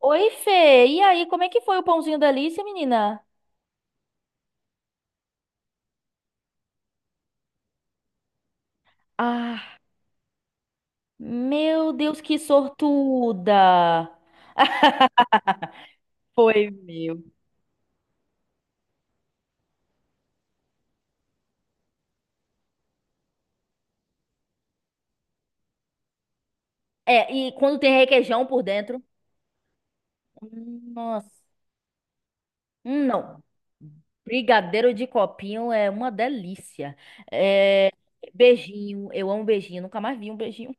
Oi, Fê. E aí, como é que foi o pãozinho da Alice, menina? Ah, meu Deus, que sortuda! Foi meu. É, e quando tem requeijão por dentro? Nossa, hum, não. Brigadeiro de copinho é uma delícia. É, beijinho, eu amo beijinho. Nunca mais vi um beijinho.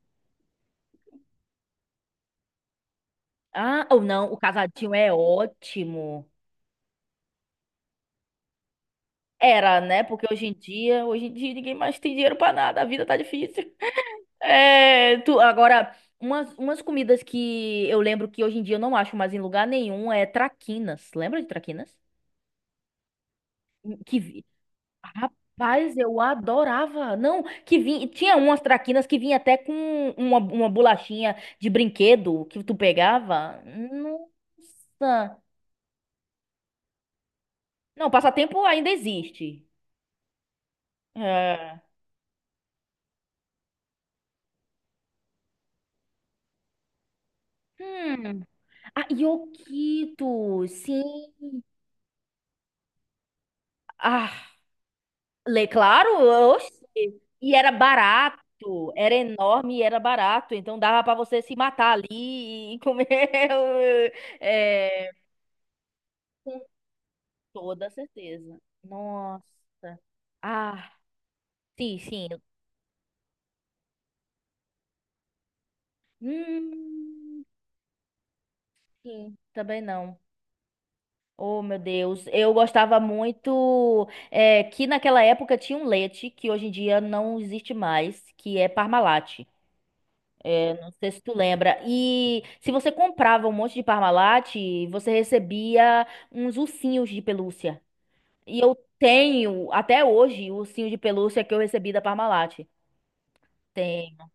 Ah, ou não, o casadinho é ótimo. Era, né? Porque hoje em dia ninguém mais tem dinheiro pra nada. A vida tá difícil. É, tu, agora, umas comidas que eu lembro que hoje em dia eu não acho mais em lugar nenhum é traquinas. Lembra de traquinas? Que vi... Rapaz, eu adorava. Não, que vinha, tinha umas traquinas que vinha até com uma bolachinha de brinquedo que tu pegava. Nossa. Não, passatempo ainda existe. É. Hum. Ah, Yokito, sim. Ah, Lê, claro, oxe. E era barato, era enorme e era barato. Então dava para você se matar ali e comer. é, com toda certeza. Nossa. Ah, sim. Hum, sim, também não. Oh, meu Deus. Eu gostava muito que naquela época tinha um leite que hoje em dia não existe mais, que é Parmalat. É, não sei se tu lembra. E se você comprava um monte de Parmalat, você recebia uns ursinhos de pelúcia. E eu tenho, até hoje, o ursinho de pelúcia que eu recebi da Parmalat. Tenho.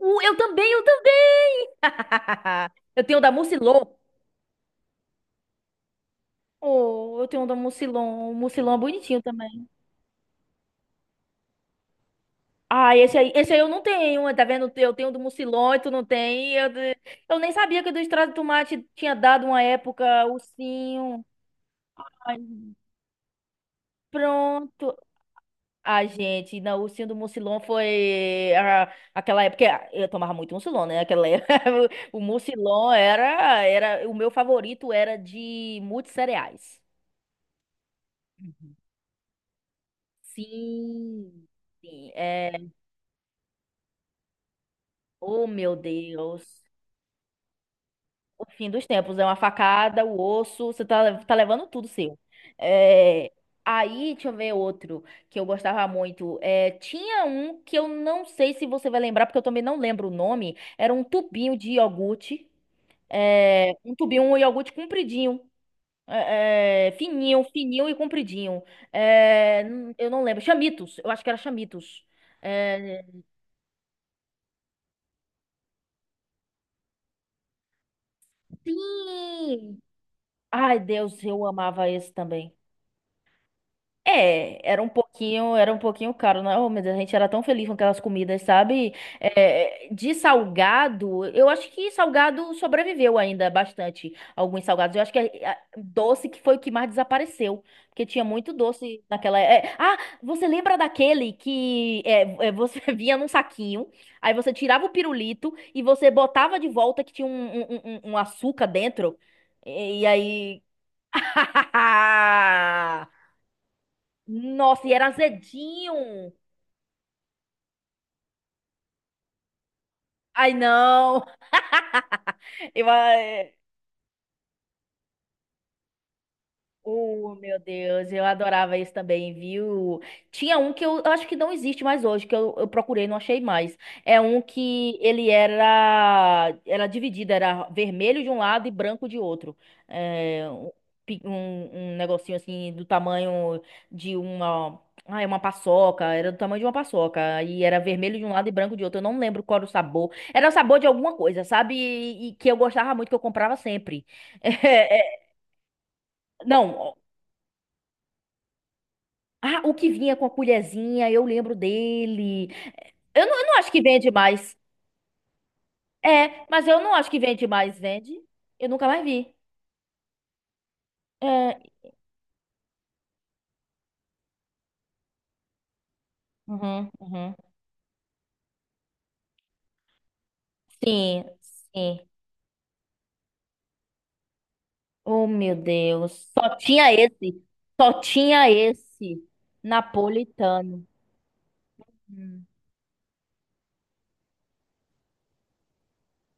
Eu também, eu também! Eu tenho o da Mucilon. Oh, eu tenho o da Mucilon. O Mucilon é bonitinho também. Ah, esse aí eu não tenho, tá vendo? Eu tenho o do Mucilon e tu não tem. Eu nem sabia que o do Extrato de Tomate tinha dado uma época ursinho. Ai, pronto. A gente, na ursinha do Mucilon foi aquela época. Que Eu tomava muito Mucilon, né? Aquela época. O Mucilon era. O meu favorito era de muitos cereais. Sim. Sim, é, oh, meu Deus. O fim dos tempos é uma facada, o osso, você tá, tá levando tudo seu. É, aí, deixa eu ver outro que eu gostava muito. É, tinha um que eu não sei se você vai lembrar, porque eu também não lembro o nome. Era um tubinho de iogurte. É, um tubinho, um iogurte compridinho. Fininho, fininho e compridinho. É, eu não lembro. Chamitos, eu acho que era Chamitos. É, sim! Ai, Deus, eu amava esse também. É, era um pouquinho caro, né? Oh, meu a gente era tão feliz com aquelas comidas, sabe? É, de salgado, eu acho que salgado sobreviveu ainda bastante, alguns salgados. Eu acho que doce que foi o que mais desapareceu, porque tinha muito doce naquela. Você lembra daquele que você vinha num saquinho, aí você tirava o pirulito e você botava de volta que tinha um açúcar dentro, e aí. Nossa, e era azedinho. Ai, não. Eu, ah, é, Oh, meu Deus, eu adorava isso também, viu? Tinha um que eu acho que não existe mais hoje, que eu procurei e não achei mais. É um que ele era dividido, era vermelho de um lado e branco de outro. É, um, um negocinho assim do tamanho de uma, ah, é uma paçoca, era do tamanho de uma paçoca. E era vermelho de um lado e branco de outro. Eu não lembro qual era o sabor. Era o sabor de alguma coisa, sabe? E que eu gostava muito, que eu comprava sempre. É, não, ah, o que vinha com a colherzinha, eu lembro dele. Eu não acho que vende mais. É, mas eu não acho que vende mais. Vende? Eu nunca mais vi. É, uhum, uhum. Sim, sim. Oh, meu Deus. Só tinha esse. Só tinha esse. Napolitano. Hum.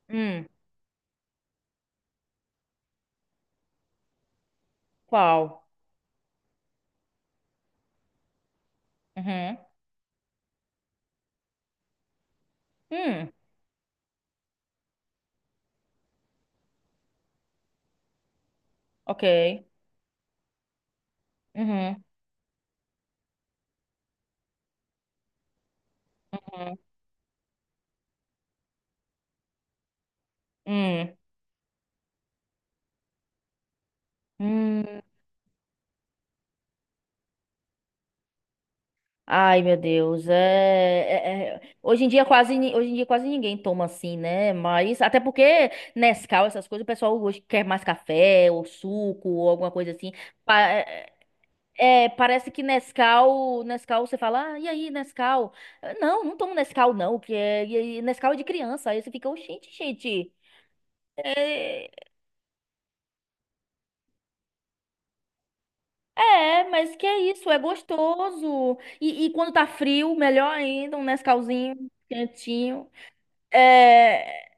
Hum, qual? Uhum. Hum, ok. Uhum. Uhum. Hum. Hum. Ai, meu Deus, hoje em dia hoje em dia quase ninguém toma assim, né? Mas até porque Nescau, essas coisas, o pessoal hoje quer mais café ou suco ou alguma coisa assim. Pa- é, Parece que Nescau, Nescau você fala, ah, e aí, Nescau? Não, não tomo Nescau não, que é Nescau é de criança. Aí você fica, "Ô, gente, gente. É, é, mas que é isso, é gostoso. E quando tá frio, melhor ainda, um Nescauzinho quentinho. É,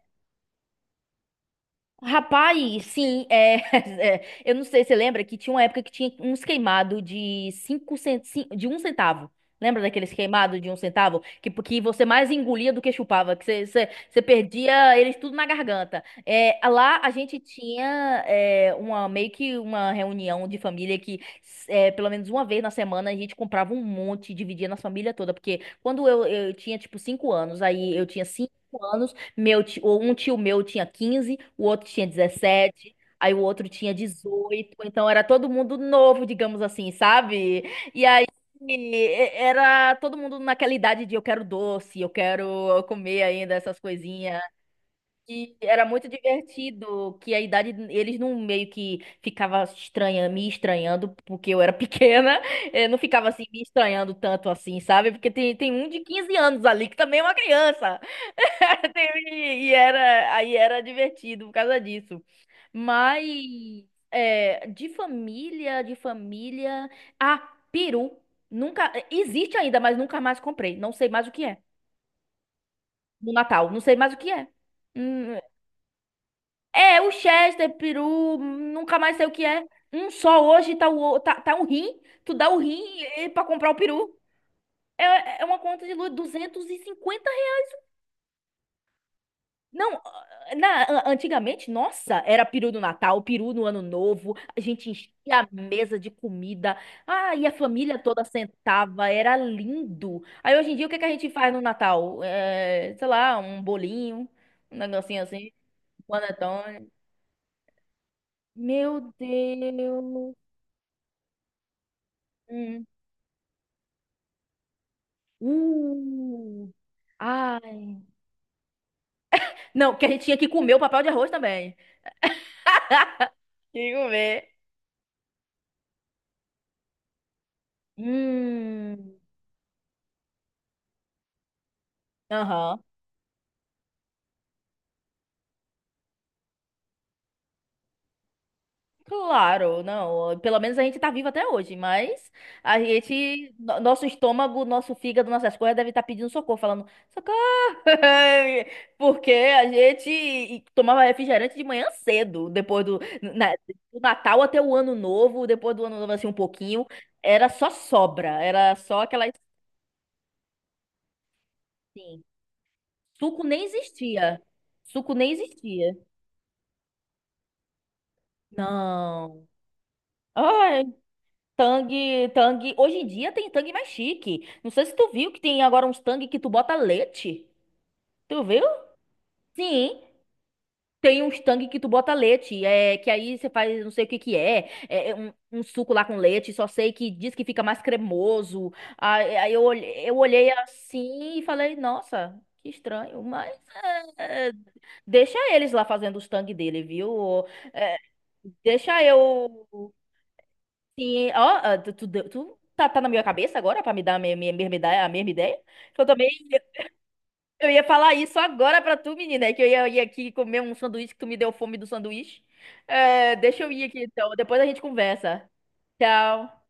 Rapaz, sim, é, eu não sei se você lembra que tinha uma época que tinha uns queimados de de um centavo. Lembra daqueles queimados de um centavo? Que você mais engolia do que chupava, que você perdia eles tudo na garganta. É, lá a gente tinha meio que uma reunião de família pelo menos uma vez na semana a gente comprava um monte, e dividia na família toda. Porque quando eu tinha tipo cinco anos, aí eu tinha cinco anos. Meu tio, um tio meu tinha quinze, o outro tinha dezessete, aí o outro tinha dezoito, então era todo mundo novo, digamos assim, sabe? Era todo mundo naquela idade de eu quero doce, eu quero comer ainda essas coisinhas. E era muito divertido que a idade eles não meio que ficava estranha, me estranhando porque eu era pequena, não ficava assim me estranhando tanto assim, sabe? Porque tem um de 15 anos ali que também é uma criança. E era, aí era divertido por causa disso. Mas é, de família, de família. Ah, peru. Nunca. Existe ainda, mas nunca mais comprei. Não sei mais o que é. No Natal. Não sei mais o que é. Hum, é, o Chester, peru. Nunca mais sei o que é. Um só hoje tá, tá, tá um rim. Tu dá o rim pra comprar o peru. É, é uma conta de luz, 250. Não, ah, antigamente, nossa, era peru no Natal, peru no Ano Novo, a gente enchia a mesa de comida, ah, e a família toda sentava, era lindo. Aí hoje em dia, o que que a gente faz no Natal? É, sei lá, um bolinho, um negocinho assim, um panetone. Meu Deus. Hum. Uh. Ai. Não, que a gente tinha que comer o papel de arroz também. Tinha que comer. Hum. Aham. Claro, não. Pelo menos a gente tá vivo até hoje, mas a gente, nosso estômago, nosso fígado, nossas coisas devem estar pedindo socorro, falando socorro, porque a gente tomava refrigerante de manhã cedo, do Natal até o Ano Novo, depois do Ano Novo assim um pouquinho, era só sobra, era só aquela assim, suco nem existia, suco nem existia. Não. Tangue, tangue. Hoje em dia tem tangue mais chique. Não sei se tu viu que tem agora uns tangue que tu bota leite. Tu viu? Sim, tem uns tangue que tu bota leite. É, que aí você faz não sei o que que é. É um, um suco lá com leite. Só sei que diz que fica mais cremoso. Eu olhei assim e falei, nossa, que estranho. Mas é, deixa eles lá fazendo os tangue dele, viu? É, deixa eu. Sim, ó, ah, tu, tu, deu- tu tá, tá na minha cabeça agora pra me dar mesma ideia, a mesma ideia? Que eu também, eu ia falar isso agora pra tu, menina, é que ia aqui comer um sanduíche que tu me deu fome do sanduíche. É, deixa eu ir aqui então, depois a gente conversa. Tchau.